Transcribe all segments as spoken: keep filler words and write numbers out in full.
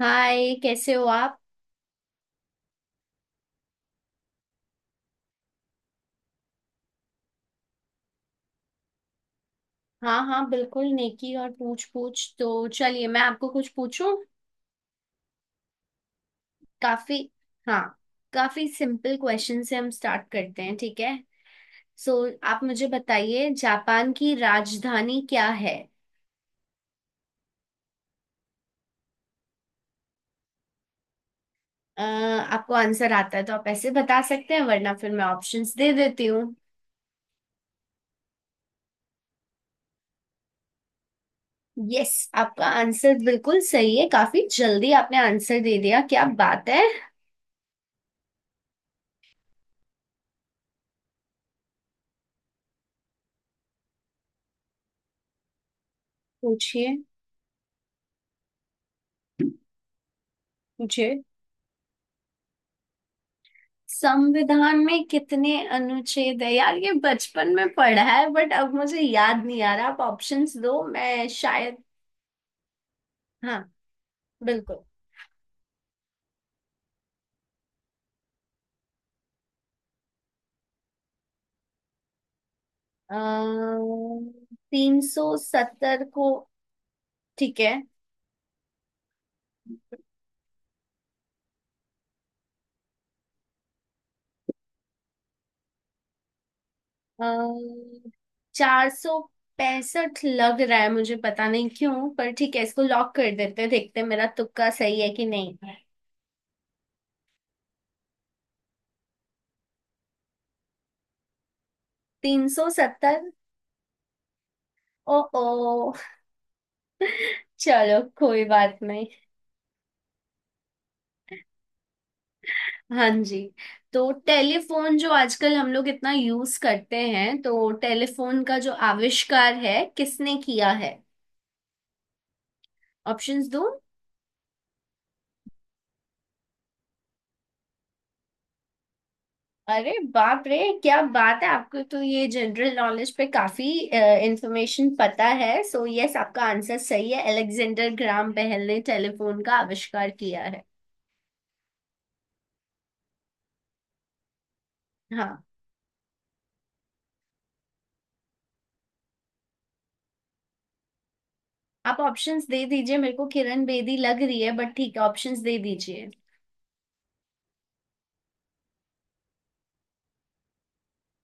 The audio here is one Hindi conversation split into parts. हाय, कैसे हो आप। हाँ हाँ, बिल्कुल। नेकी और पूछ पूछ, तो चलिए मैं आपको कुछ पूछूं। काफी हाँ, काफी सिंपल क्वेश्चन से हम स्टार्ट करते हैं, ठीक है। सो, आप मुझे बताइए, जापान की राजधानी क्या है। अ, आपको आंसर आता है तो आप ऐसे बता सकते हैं, वरना फिर मैं ऑप्शंस दे देती हूँ। यस, आपका आंसर बिल्कुल सही है। काफी जल्दी आपने आंसर दे दिया, क्या बात है। पूछिए। पूछिए, संविधान में कितने अनुच्छेद है यार, ये बचपन में पढ़ा है बट अब मुझे याद नहीं आ रहा, आप ऑप्शंस दो, मैं शायद। हाँ, बिल्कुल। अः, तीन सौ सत्तर को। ठीक है। अः, चार सौ पैंसठ लग रहा है मुझे, पता नहीं क्यों, पर ठीक है, इसको लॉक कर देते हैं, देखते हैं मेरा तुक्का सही है कि नहीं। तीन सौ सत्तर। ओ ओ, चलो कोई बात नहीं। हाँ जी। तो टेलीफोन जो आजकल हम लोग इतना यूज करते हैं, तो टेलीफोन का जो आविष्कार है किसने किया है। ऑप्शंस दो। अरे बाप रे, क्या बात है, आपको तो ये जनरल नॉलेज पे काफी इंफॉर्मेशन पता है। सो so, यस, आपका आंसर सही है, अलेक्जेंडर ग्राम बेल ने टेलीफोन का आविष्कार किया है। हाँ। आप ऑप्शंस दे दीजिए, मेरे को किरण बेदी लग रही है बट ठीक है, ऑप्शंस दे दीजिए।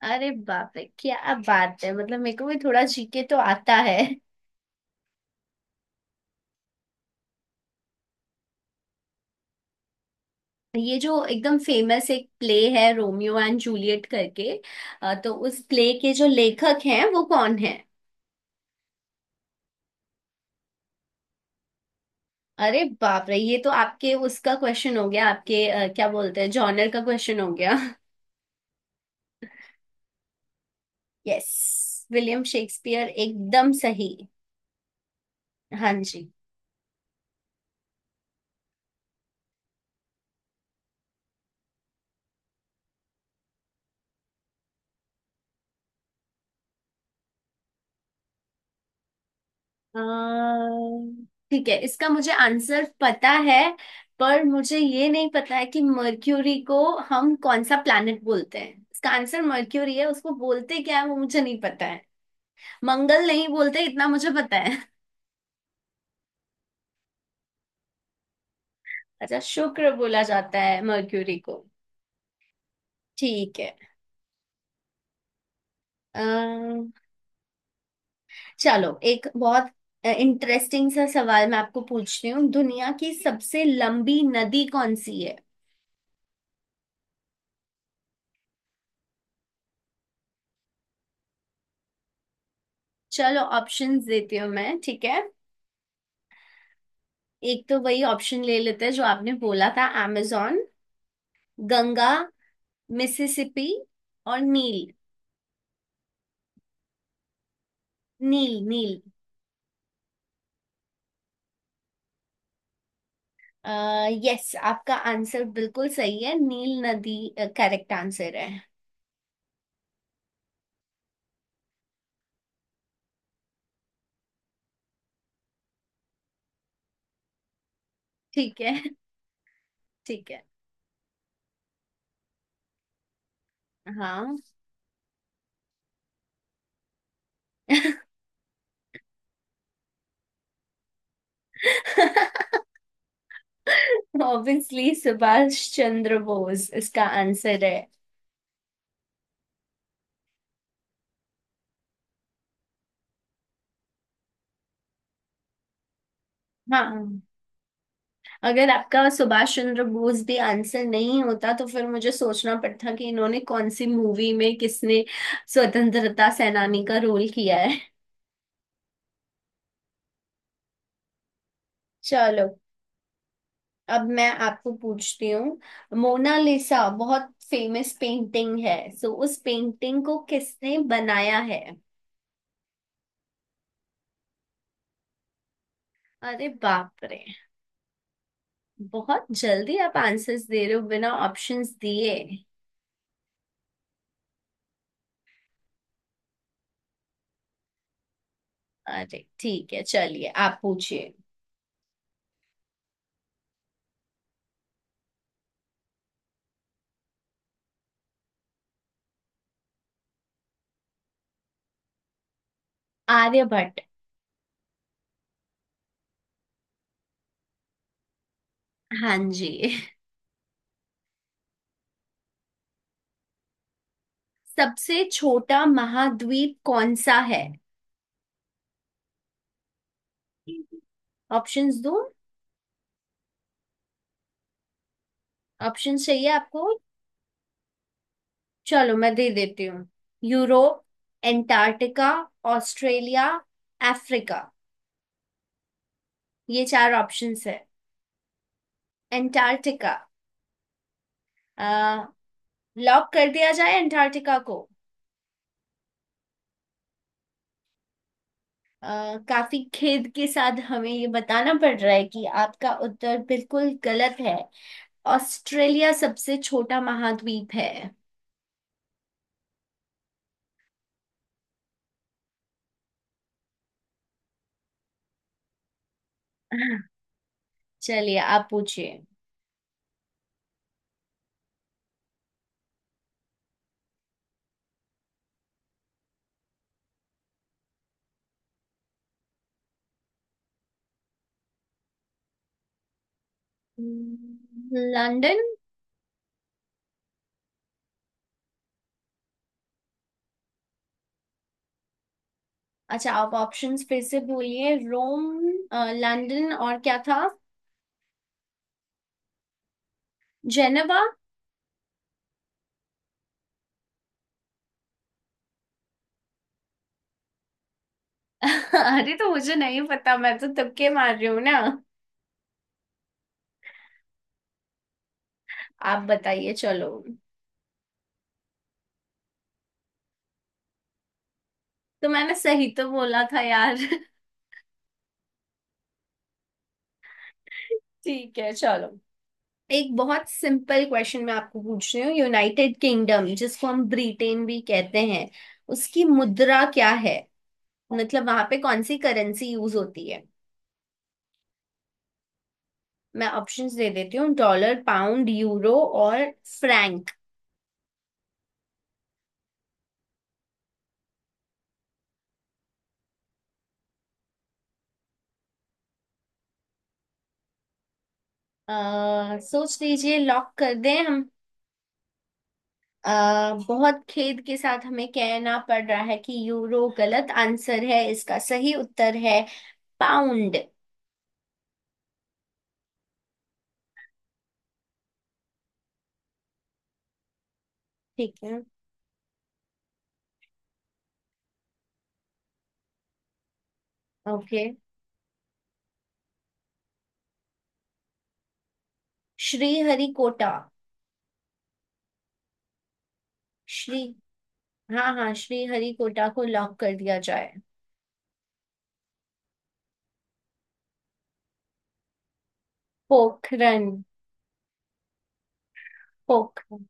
अरे बाप रे, क्या बात है, मतलब मेरे को भी थोड़ा जीके तो आता है। ये जो एकदम फेमस एक प्ले है, रोमियो एंड जूलियट करके, अ, तो उस प्ले के जो लेखक हैं वो कौन है। अरे बाप रे, ये तो आपके उसका क्वेश्चन हो गया, आपके अ, क्या बोलते हैं, जॉनर का क्वेश्चन हो गया। यस, विलियम शेक्सपियर एकदम सही। हाँ जी। अम्म, ठीक है, इसका मुझे आंसर पता है, पर मुझे ये नहीं पता है कि मर्क्यूरी को हम कौन सा प्लैनेट बोलते हैं। इसका आंसर मर्क्यूरी है, उसको बोलते क्या है वो मुझे नहीं पता। मंगल नहीं बोलते इतना मुझे पता है। अच्छा, शुक्र बोला जाता है मर्क्यूरी को। ठीक है। अम्म, चलो एक बहुत इंटरेस्टिंग सा सवाल मैं आपको पूछती हूँ, दुनिया की सबसे लंबी नदी कौन सी है। चलो, ऑप्शंस देती हूँ मैं, ठीक है। एक तो वही ऑप्शन ले लेते हैं जो आपने बोला था, amazon, गंगा, मिसिसिपी और नील। नील नील। अः, यस, आपका आंसर बिल्कुल सही है, नील नदी करेक्ट आंसर है। ठीक है। ठीक है। हाँ। ऑब्वियसली सुभाष चंद्र बोस इसका आंसर है। हाँ, अगर आपका सुभाष चंद्र बोस भी आंसर नहीं होता तो फिर मुझे सोचना पड़ता कि इन्होंने कौन सी मूवी में किसने स्वतंत्रता सेनानी का रोल किया है। चलो, अब मैं आपको पूछती हूँ, मोनालिसा बहुत फेमस पेंटिंग है, सो उस पेंटिंग को किसने बनाया है। अरे बाप रे, बहुत जल्दी आप आंसर्स दे रहे हो बिना ऑप्शंस दिए। अरे ठीक है, चलिए आप पूछिए। आर्यभट्ट। हाँ जी। सबसे छोटा महाद्वीप कौन सा है। ऑप्शंस दूं, ऑप्शंस चाहिए आपको, चलो मैं दे देती हूँ। यूरोप, एंटार्क्टिका, ऑस्ट्रेलिया, अफ्रीका, ये चार ऑप्शंस है। एंटार्क्टिका। लॉक कर दिया जाए एंटार्क्टिका को। अ, काफी खेद के साथ हमें ये बताना पड़ रहा है कि आपका उत्तर बिल्कुल गलत है। ऑस्ट्रेलिया सबसे छोटा महाद्वीप है। चलिए आप पूछिए। लंदन। अच्छा, आप ऑप्शंस फिर से बोलिए। रोम, अ, लंदन, और क्या था। जेनेवा। अरे, तो मुझे नहीं पता, मैं तो तुक्के मार रही हूँ ना। आप बताइए चलो। तो मैंने सही तो बोला था यार। ठीक है चलो। एक बहुत सिंपल क्वेश्चन मैं आपको पूछ रही हूँ, यूनाइटेड किंगडम जिसको हम ब्रिटेन भी कहते हैं, उसकी मुद्रा क्या है। मतलब वहां पे कौन सी करेंसी यूज होती है। मैं ऑप्शंस दे देती हूँ, डॉलर, पाउंड, यूरो और फ्रैंक। अ, सोच लीजिए, लॉक कर दें हम। अ, बहुत खेद के साथ हमें कहना पड़ रहा है कि यूरो गलत आंसर है, इसका सही उत्तर है पाउंड। ठीक है। ओके। श्री हरिकोटा। श्री हाँ हाँ, श्री हरिकोटा को लॉक कर दिया जाए। पोखरन। पोखरन।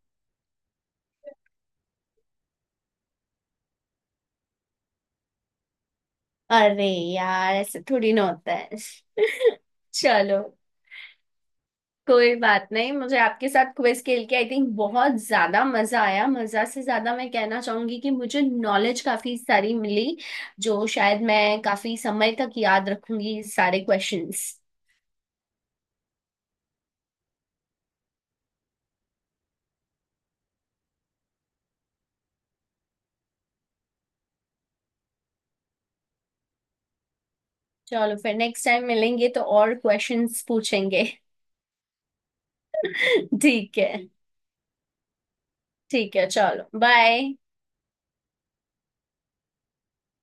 अरे यार, ऐसे थोड़ी ना होता है। चलो, कोई बात नहीं, मुझे आपके साथ क्विज खेल के आई थिंक बहुत ज्यादा मजा आया। मजा से ज्यादा मैं कहना चाहूंगी कि मुझे नॉलेज काफी सारी मिली जो शायद मैं काफी समय तक याद रखूंगी सारे क्वेश्चंस। चलो, फिर नेक्स्ट टाइम मिलेंगे तो और क्वेश्चंस पूछेंगे। ठीक है। ठीक है चलो, बाय।